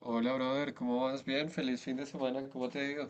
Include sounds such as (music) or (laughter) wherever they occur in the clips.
Hola, brother, ¿cómo vas? Bien, feliz fin de semana, ¿cómo te digo?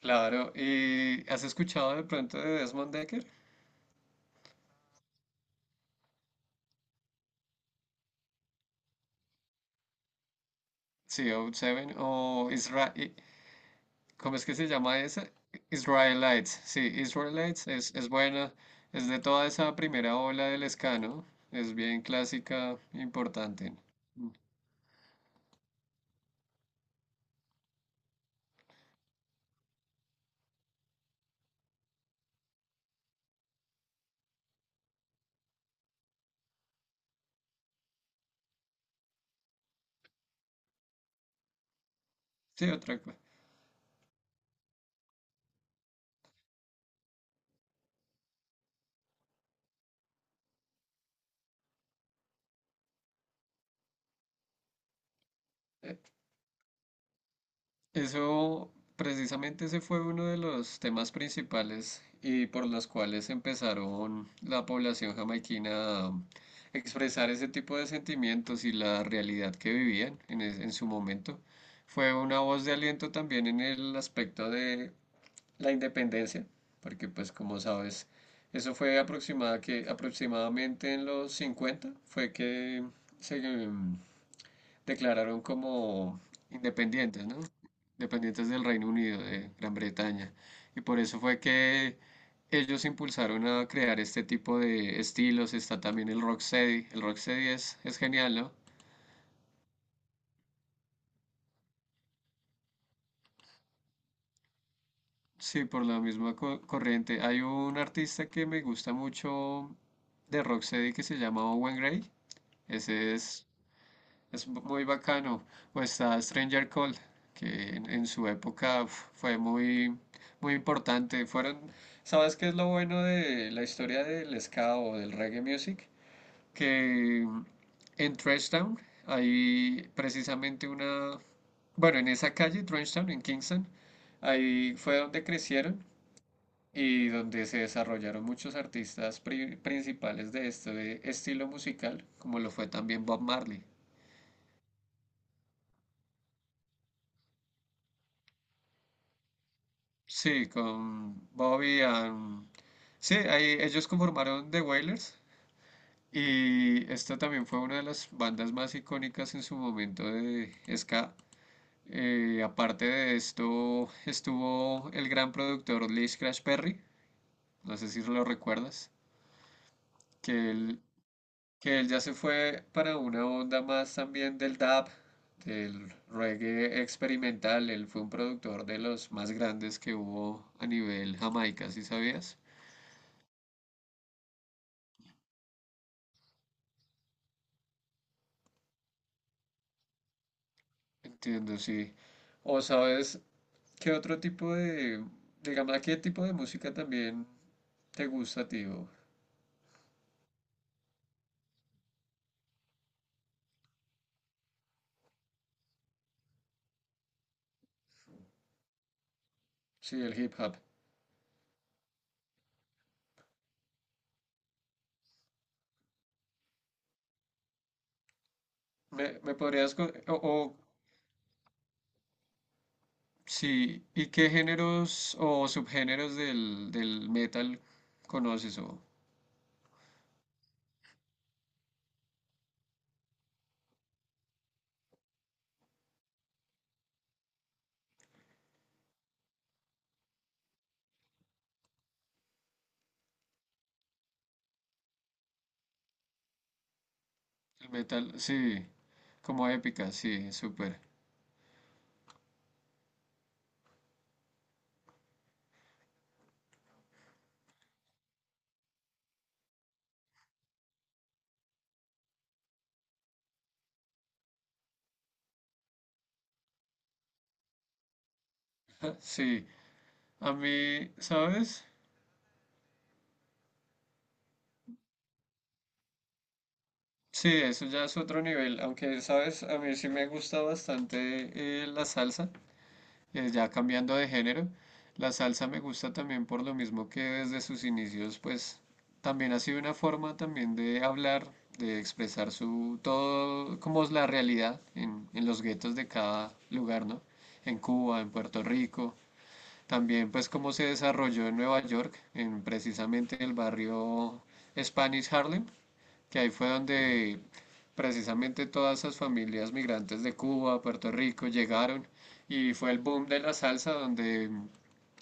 Claro, ¿y has escuchado de pronto de Desmond Decker? Co Seven o Israel, ¿cómo es que se llama esa? Israelites, sí, Israelites es buena, es de toda esa primera ola del ska, ¿no? Es bien clásica, importante. Mm. Sí, otra cosa. Eso, precisamente ese fue uno de los temas principales y por los cuales empezaron la población jamaiquina a expresar ese tipo de sentimientos y la realidad que vivían en su momento. Fue una voz de aliento también en el aspecto de la independencia, porque pues como sabes, eso fue aproximadamente en los 50 fue que se, mm, declararon como independientes, ¿no? Independientes del Reino Unido, de Gran Bretaña. Y por eso fue que ellos impulsaron a crear este tipo de estilos. Está también el rocksteady. El rocksteady es genial, ¿no? Sí, por la corriente. Hay un artista que me gusta mucho de rocksteady que se llama Owen Gray. Ese es. Es muy bacano. O está Stranger Call, que en su época uf, fue muy, muy importante. Fueron, ¿sabes qué es lo bueno de la historia del ska o del reggae music? Que en Trenchtown hay precisamente una, bueno, en esa calle, Trenchtown, en Kingston, ahí fue donde crecieron y donde se desarrollaron muchos artistas principales de este estilo musical, como lo fue también Bob Marley. Sí, con Bobby Sí, ahí ellos conformaron The Wailers y esta también fue una de las bandas más icónicas en su momento de ska. Aparte de esto, estuvo el gran productor Lee Scratch Perry, no sé si lo recuerdas, que él, que él ya se fue para una onda más también del dub, del reggae experimental. Él fue un productor de los más grandes que hubo a nivel Jamaica, ¿sí sabías? Entiendo, sí. O sabes, ¿qué otro tipo de, digamos, a qué tipo de música también te gusta, tío? Sí, el hip hop. ¿Me, me podrías, co- o, Sí, ¿y qué géneros o subgéneros del, del metal conoces? O el metal, sí, como épica, sí, súper. (laughs) Sí, a mí, ¿sabes? Sí, eso ya es otro nivel, aunque, ¿sabes? A mí sí me gusta bastante la salsa. Ya cambiando de género, la salsa me gusta también por lo mismo que desde sus inicios, pues también ha sido una forma también de hablar, de expresar su todo, como es la realidad en los guetos de cada lugar, ¿no? En Cuba, en Puerto Rico, también pues cómo se desarrolló en Nueva York, en precisamente el barrio Spanish Harlem, que ahí fue donde precisamente todas esas familias migrantes de Cuba, Puerto Rico, llegaron y fue el boom de la salsa donde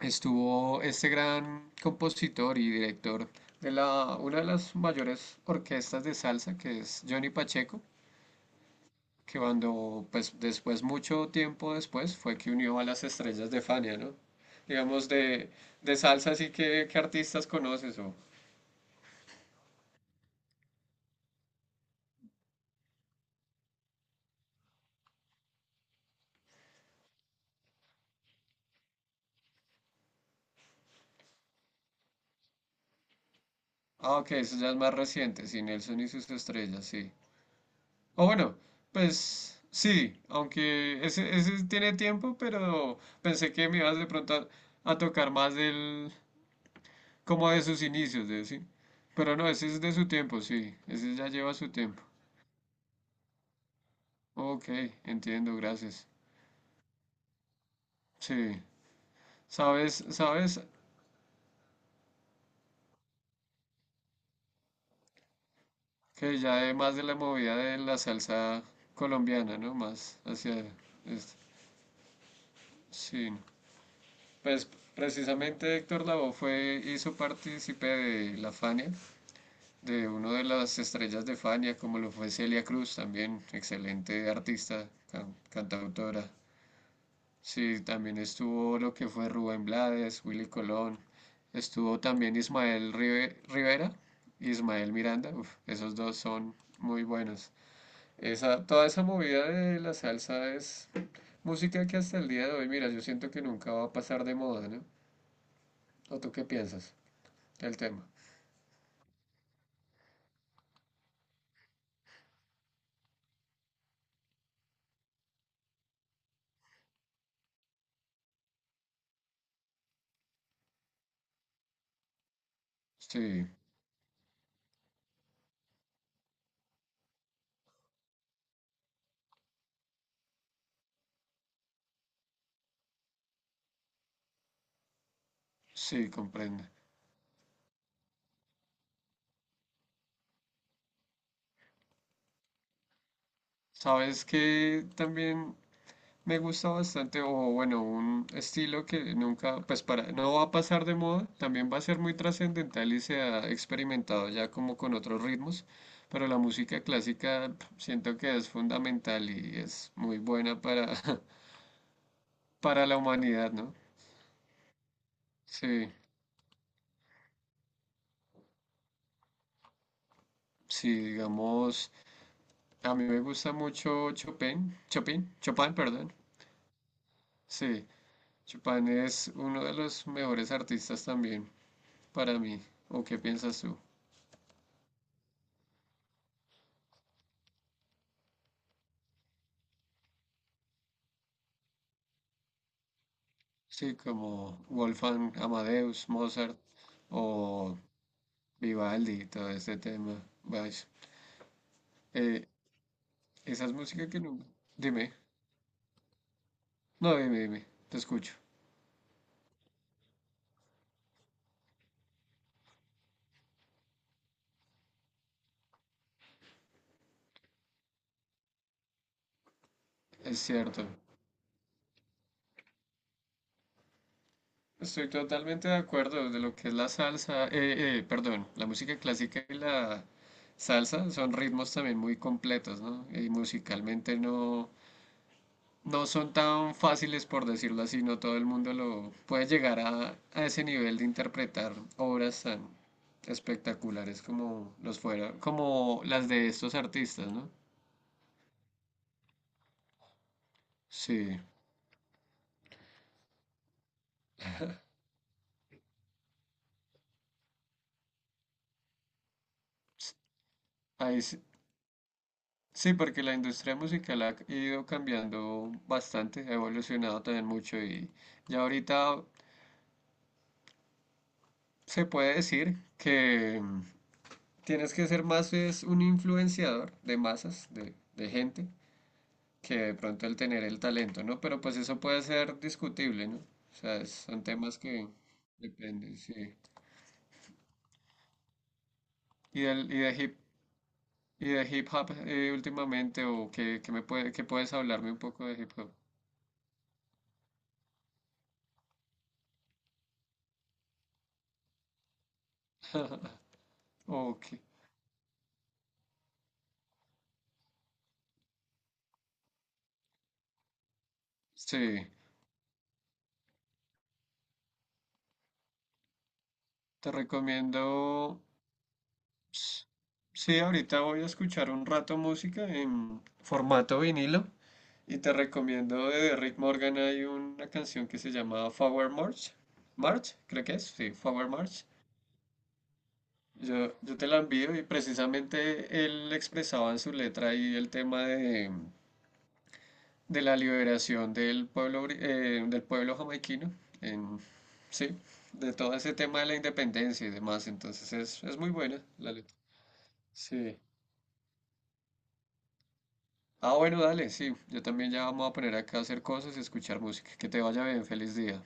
estuvo este gran compositor y director de la, una de las mayores orquestas de salsa, que es Johnny Pacheco, que cuando, pues después, mucho tiempo después, fue que unió a las estrellas de Fania, ¿no? Digamos, de salsa, así que, ¿qué artistas conoces? O, ah, ok, eso ya es más reciente, sí, Nelson y sus estrellas, sí. O bueno, pues sí, aunque ese tiene tiempo, pero pensé que me ibas de pronto a tocar más del, como de sus inicios, de sí. Pero no, ese es de su tiempo, sí, ese ya lleva su tiempo. Ok, entiendo, gracias. Sí, sabes, sabes que ya es más de la movida de la salsa colombiana, ¿no? Más hacia este. Sí, no, pues precisamente Héctor Lavoe fue, hizo partícipe de la Fania de una de las estrellas de Fania, como lo fue Celia Cruz, también excelente artista, cantautora. Sí, también estuvo lo que fue Rubén Blades, Willy Colón, estuvo también Rivera, Ismael Miranda, uf, esos dos son muy buenos. Esa, toda esa movida de la salsa es música que hasta el día de hoy, mira, yo siento que nunca va a pasar de moda, ¿no? ¿O tú qué piensas del tema? Sí, sí, comprendo. Sabes que también me gusta bastante, o bueno, un estilo que nunca, pues para, no va a pasar de moda, también va a ser muy trascendental y se ha experimentado ya como con otros ritmos, pero la música clásica pf, siento que es fundamental y es muy buena para, (laughs) para la humanidad, ¿no? Sí, sí, digamos, a mí me gusta mucho Chopin, Chopin, Chopin, perdón. Sí, Chopin es uno de los mejores artistas también para mí. ¿O qué piensas tú? Sí, como Wolfgang Amadeus, Mozart o Vivaldi, todo este tema. Vaya, eh, esa es música que no... Dime, no, dime, dime, te escucho. Es cierto. Estoy totalmente de acuerdo de lo que es perdón, la música clásica y la salsa son ritmos también muy completos, ¿no? Y musicalmente no son tan fáciles, por decirlo así, no todo el mundo lo puede llegar a ese nivel de interpretar obras tan espectaculares como los fuera, como las de estos artistas, ¿no? Sí, s- ahí sí, sí, porque la industria musical ha ido cambiando bastante, ha evolucionado también mucho y ya ahorita se puede decir que tienes que ser más es un influenciador de masas, de gente, que de pronto el tener el talento, ¿no? Pero pues eso puede ser discutible, ¿no? O sea, son temas que dependen, sí. ¿Y del, y de hip, ¿Y de hip hop últimamente o qué, qué puedes hablarme un poco de hip hop? (laughs) Ok, sí, te recomiendo. s- Sí, ahorita voy a escuchar un rato música en formato vinilo y te recomiendo de Rick Morgan hay una canción que se llama Forward March. March, creo que es, sí, Forward March. Yo te la envío y precisamente él expresaba en su letra ahí el tema de la liberación del pueblo, del pueblo jamaiquino, en, sí, de todo ese tema de la independencia y demás, entonces es muy buena la letra. Sí. Ah, bueno, dale, sí, yo también ya vamos a poner acá a hacer cosas y escuchar música. Que te vaya bien, feliz día.